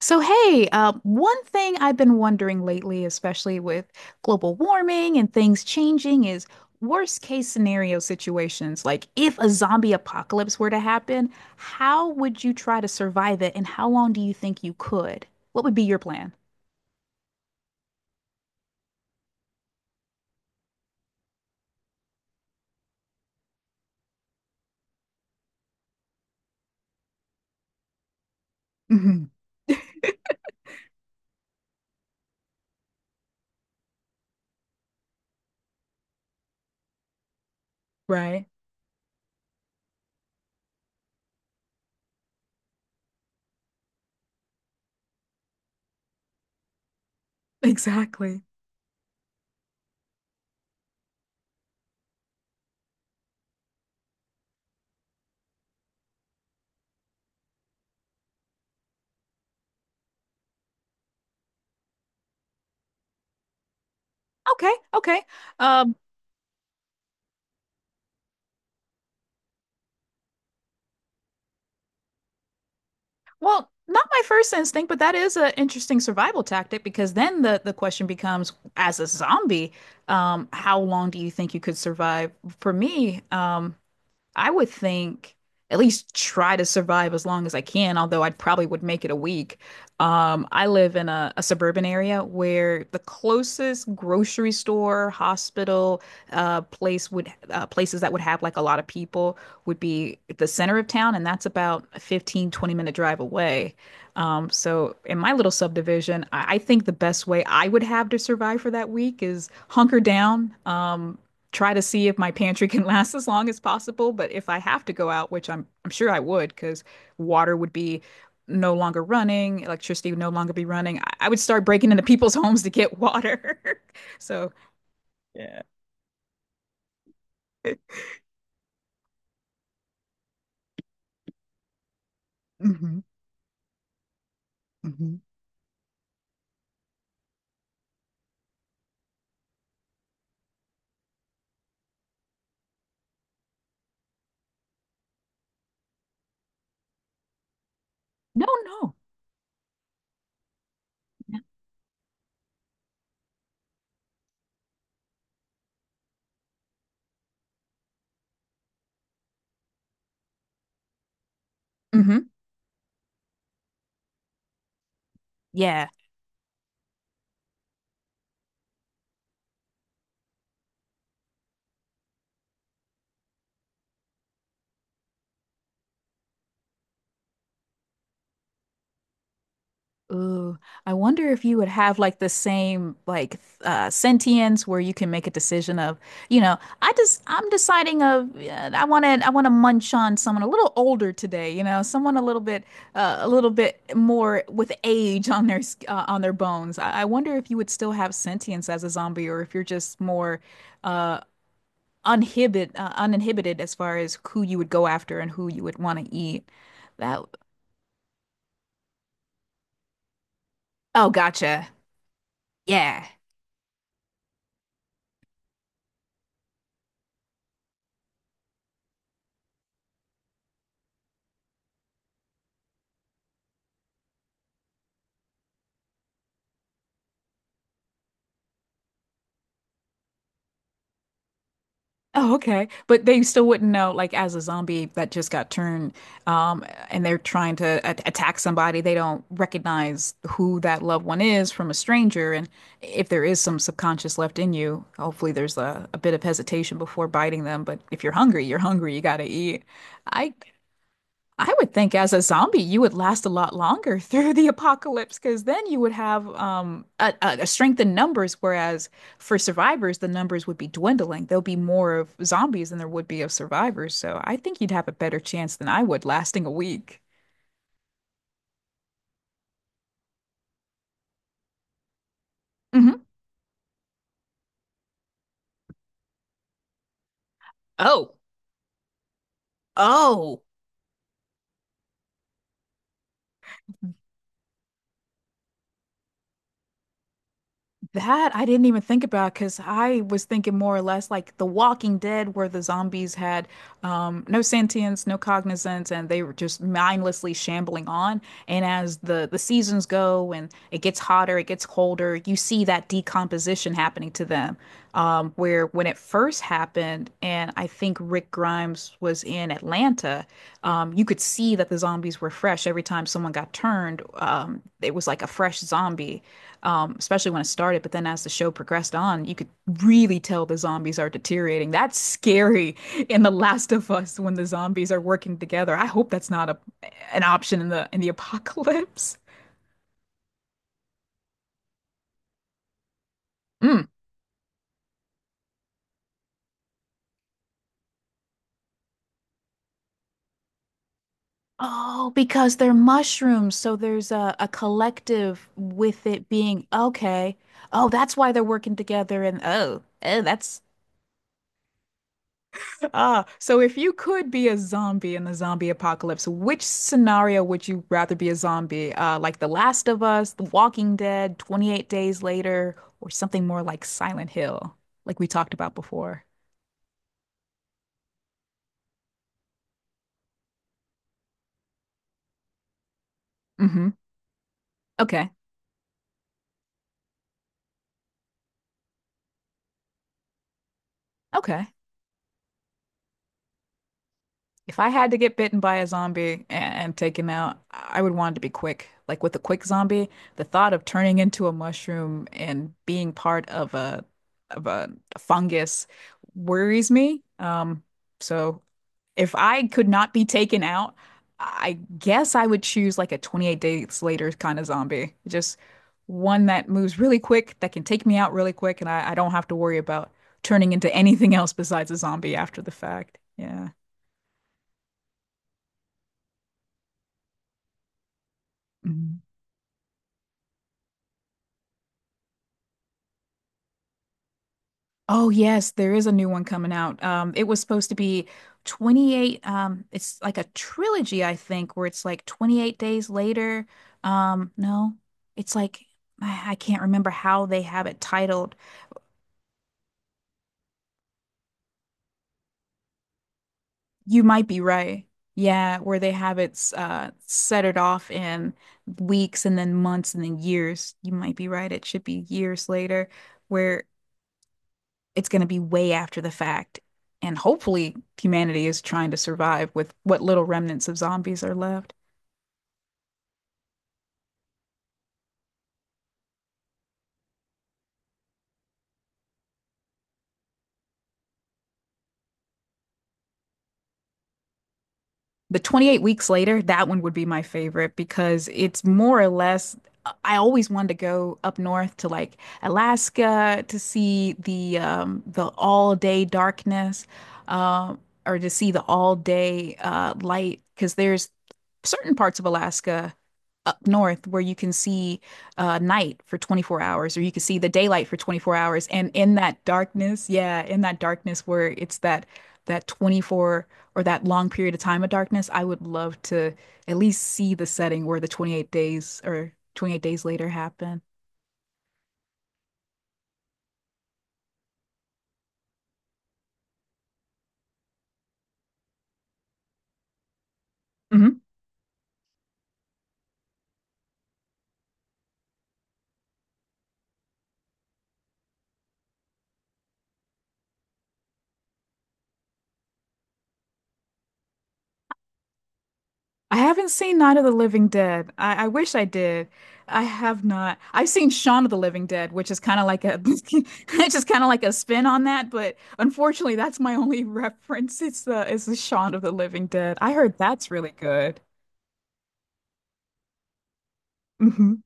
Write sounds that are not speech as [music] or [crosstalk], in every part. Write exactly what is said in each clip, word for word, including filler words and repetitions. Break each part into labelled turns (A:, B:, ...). A: So, hey, uh, one thing I've been wondering lately, especially with global warming and things changing, is worst case scenario situations. Like, if a zombie apocalypse were to happen, how would you try to survive it, and how long do you think you could? What would be your plan? Mhm. [laughs] Right. Exactly. Okay, okay. Um, Well, not my first instinct, but that is an interesting survival tactic because then the, the question becomes, as a zombie, um, how long do you think you could survive? For me, um, I would think at least try to survive as long as I can, although I'd probably would make it a week. Um, I live in a, a suburban area where the closest grocery store, hospital, uh, place would uh, places that would have like a lot of people would be the center of town, and that's about a fifteen twenty minute drive away. Um, so in my little subdivision, I, I think the best way I would have to survive for that week is hunker down, um, try to see if my pantry can [laughs] last as long as possible. But if I have to go out, which I'm I'm sure I would, because water would be no longer running, electricity would no longer be running. I, I would start breaking into people's [laughs] homes to get water. [laughs] So yeah. Mhm, mhm. No, no. Mm-hmm. Yeah. Ooh, I wonder if you would have like the same like th- uh sentience where you can make a decision of, you know, I just I'm deciding of uh, I want to I want to munch on someone a little older today, you know, someone a little bit uh, a little bit more with age on their sk- uh, on their bones. I, I wonder if you would still have sentience as a zombie or if you're just more uh uninhibited uh, uninhibited as far as who you would go after and who you would want to eat. That Oh, gotcha. Yeah. Oh, okay. But they still wouldn't know, like, as a zombie that just got turned, um, and they're trying to a attack somebody, they don't recognize who that loved one is from a stranger. And if there is some subconscious left in you, hopefully there's a, a bit of hesitation before biting them. But if you're hungry, you're hungry, you gotta eat. I I would think as a zombie, you would last a lot longer [laughs] through the apocalypse because then you would have um, a, a strength in numbers. Whereas for survivors, the numbers would be dwindling. There'll be more of zombies than there would be of survivors. So I think you'd have a better chance than I would lasting a week. Hmm. Oh, oh, that I didn't even think about because I was thinking more or less like The Walking Dead, where the zombies had um, no sentience, no cognizance, and they were just mindlessly shambling on. And as the the seasons go and it gets hotter, it gets colder, you see that decomposition happening to them. Um, where when it first happened, and I think Rick Grimes was in Atlanta, um, you could see that the zombies were fresh every time someone got turned. Um, it was like a fresh zombie, um, especially when it started. But then as the show progressed on, you could really tell the zombies are deteriorating. That's scary in The Last of Us when the zombies are working together. I hope that's not a an option in the in the [laughs] apocalypse. Mm. Oh, because they're mushrooms, so there's a, a collective with it being okay. Oh, that's why they're working together and oh, oh, that's ah, so if you could be a zombie in the zombie apocalypse, which scenario would you rather be a zombie? Uh, like The Last of Us, The Walking Dead, twenty-eight Days Later, or something more like Silent Hill, like we talked about before? Hmm. Okay. Okay. If I had to get bitten by a zombie and, and taken out, I would want it to be quick. Like with a quick zombie, the thought of turning into a mushroom and being part of a of a fungus worries me. Um, so If I could not be taken out, I guess I would choose like a twenty-eight Days Later kind of zombie. Just one that moves really quick, that can take me out really quick, and I, I don't have to worry about turning into anything else besides a zombie after the fact. Yeah. Mhm. Oh yes, there is a new one coming out. Um, it was supposed to be twenty-eight, um, it's like a trilogy, I think, where it's like twenty-eight Days Later. Um, no, it's like I I can't remember how they have it titled. You might be right. Yeah, where they have it s- uh set it off in weeks and then months and then years. You might be right. It should be years later where it's going to be way after the fact. And hopefully humanity is trying to survive with what little remnants of zombies are left. The twenty-eight weeks later, that one would be my favorite because it's more or less. I always wanted to go up north to like Alaska to see the um, the all day darkness, uh, or to see the all day uh, light because there's certain parts of Alaska up north where you can see uh, night for twenty-four hours or you can see the daylight for twenty-four hours and in that darkness yeah in that darkness where it's that that twenty-four or that long period of time of darkness, I would love to at least see the setting where the twenty-eight days or twenty-eight days later happen. Hmm. I haven't seen Night of the Living Dead. I, I wish I did. I have not. I've seen Shaun of the Living Dead, which is kind of like a, [laughs] it's just kind of like a spin on that. But unfortunately, that's my only [laughs] reference. It's the it's the Shaun of the Living Dead. I heard that's really good. Mhm.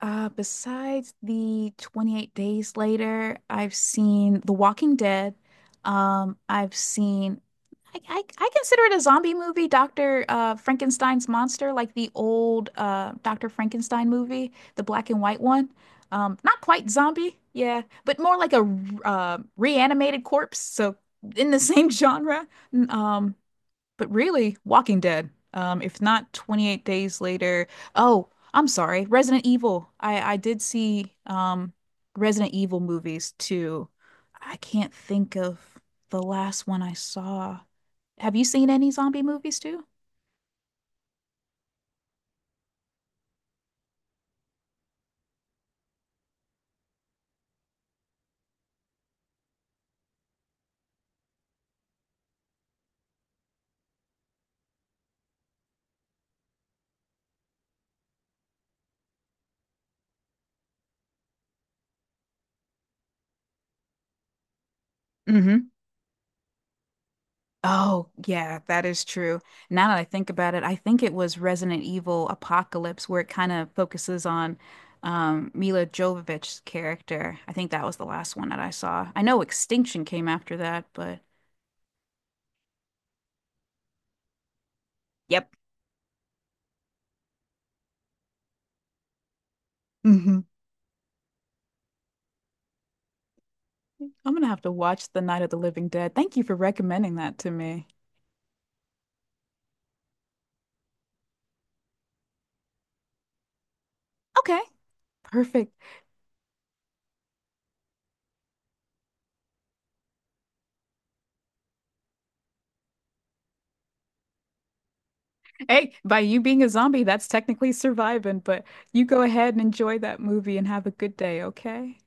A: Uh, besides the twenty-eight Days Later, I've seen The Walking Dead. Um, I've seen I, I, I consider it a zombie movie, Doctor uh, Frankenstein's Monster, like the old uh, Doctor Frankenstein movie, the black and white one. Um, not quite zombie, yeah, but more like a uh, reanimated corpse, so in the same [laughs] genre. Um, but Really, Walking Dead. Um, if not twenty-eight Days Later. Oh, I'm sorry, Resident Evil. I I did see um Resident Evil movies too. I can't think of the last one I saw. Have you seen any zombie movies too? Oh, yeah, that is true. Now that I think about it, I think it was Resident Evil Apocalypse where it kind of focuses on um, Mila Jovovich's character. I think that was the last one that I saw. I know Extinction came after that, but yep. Hmm. I'm gonna have to watch The Night of the Living Dead. Thank you for recommending that to me. Okay, perfect. Hey, by you being a zombie, that's technically surviving, but you go ahead and enjoy that movie and have a good day, okay?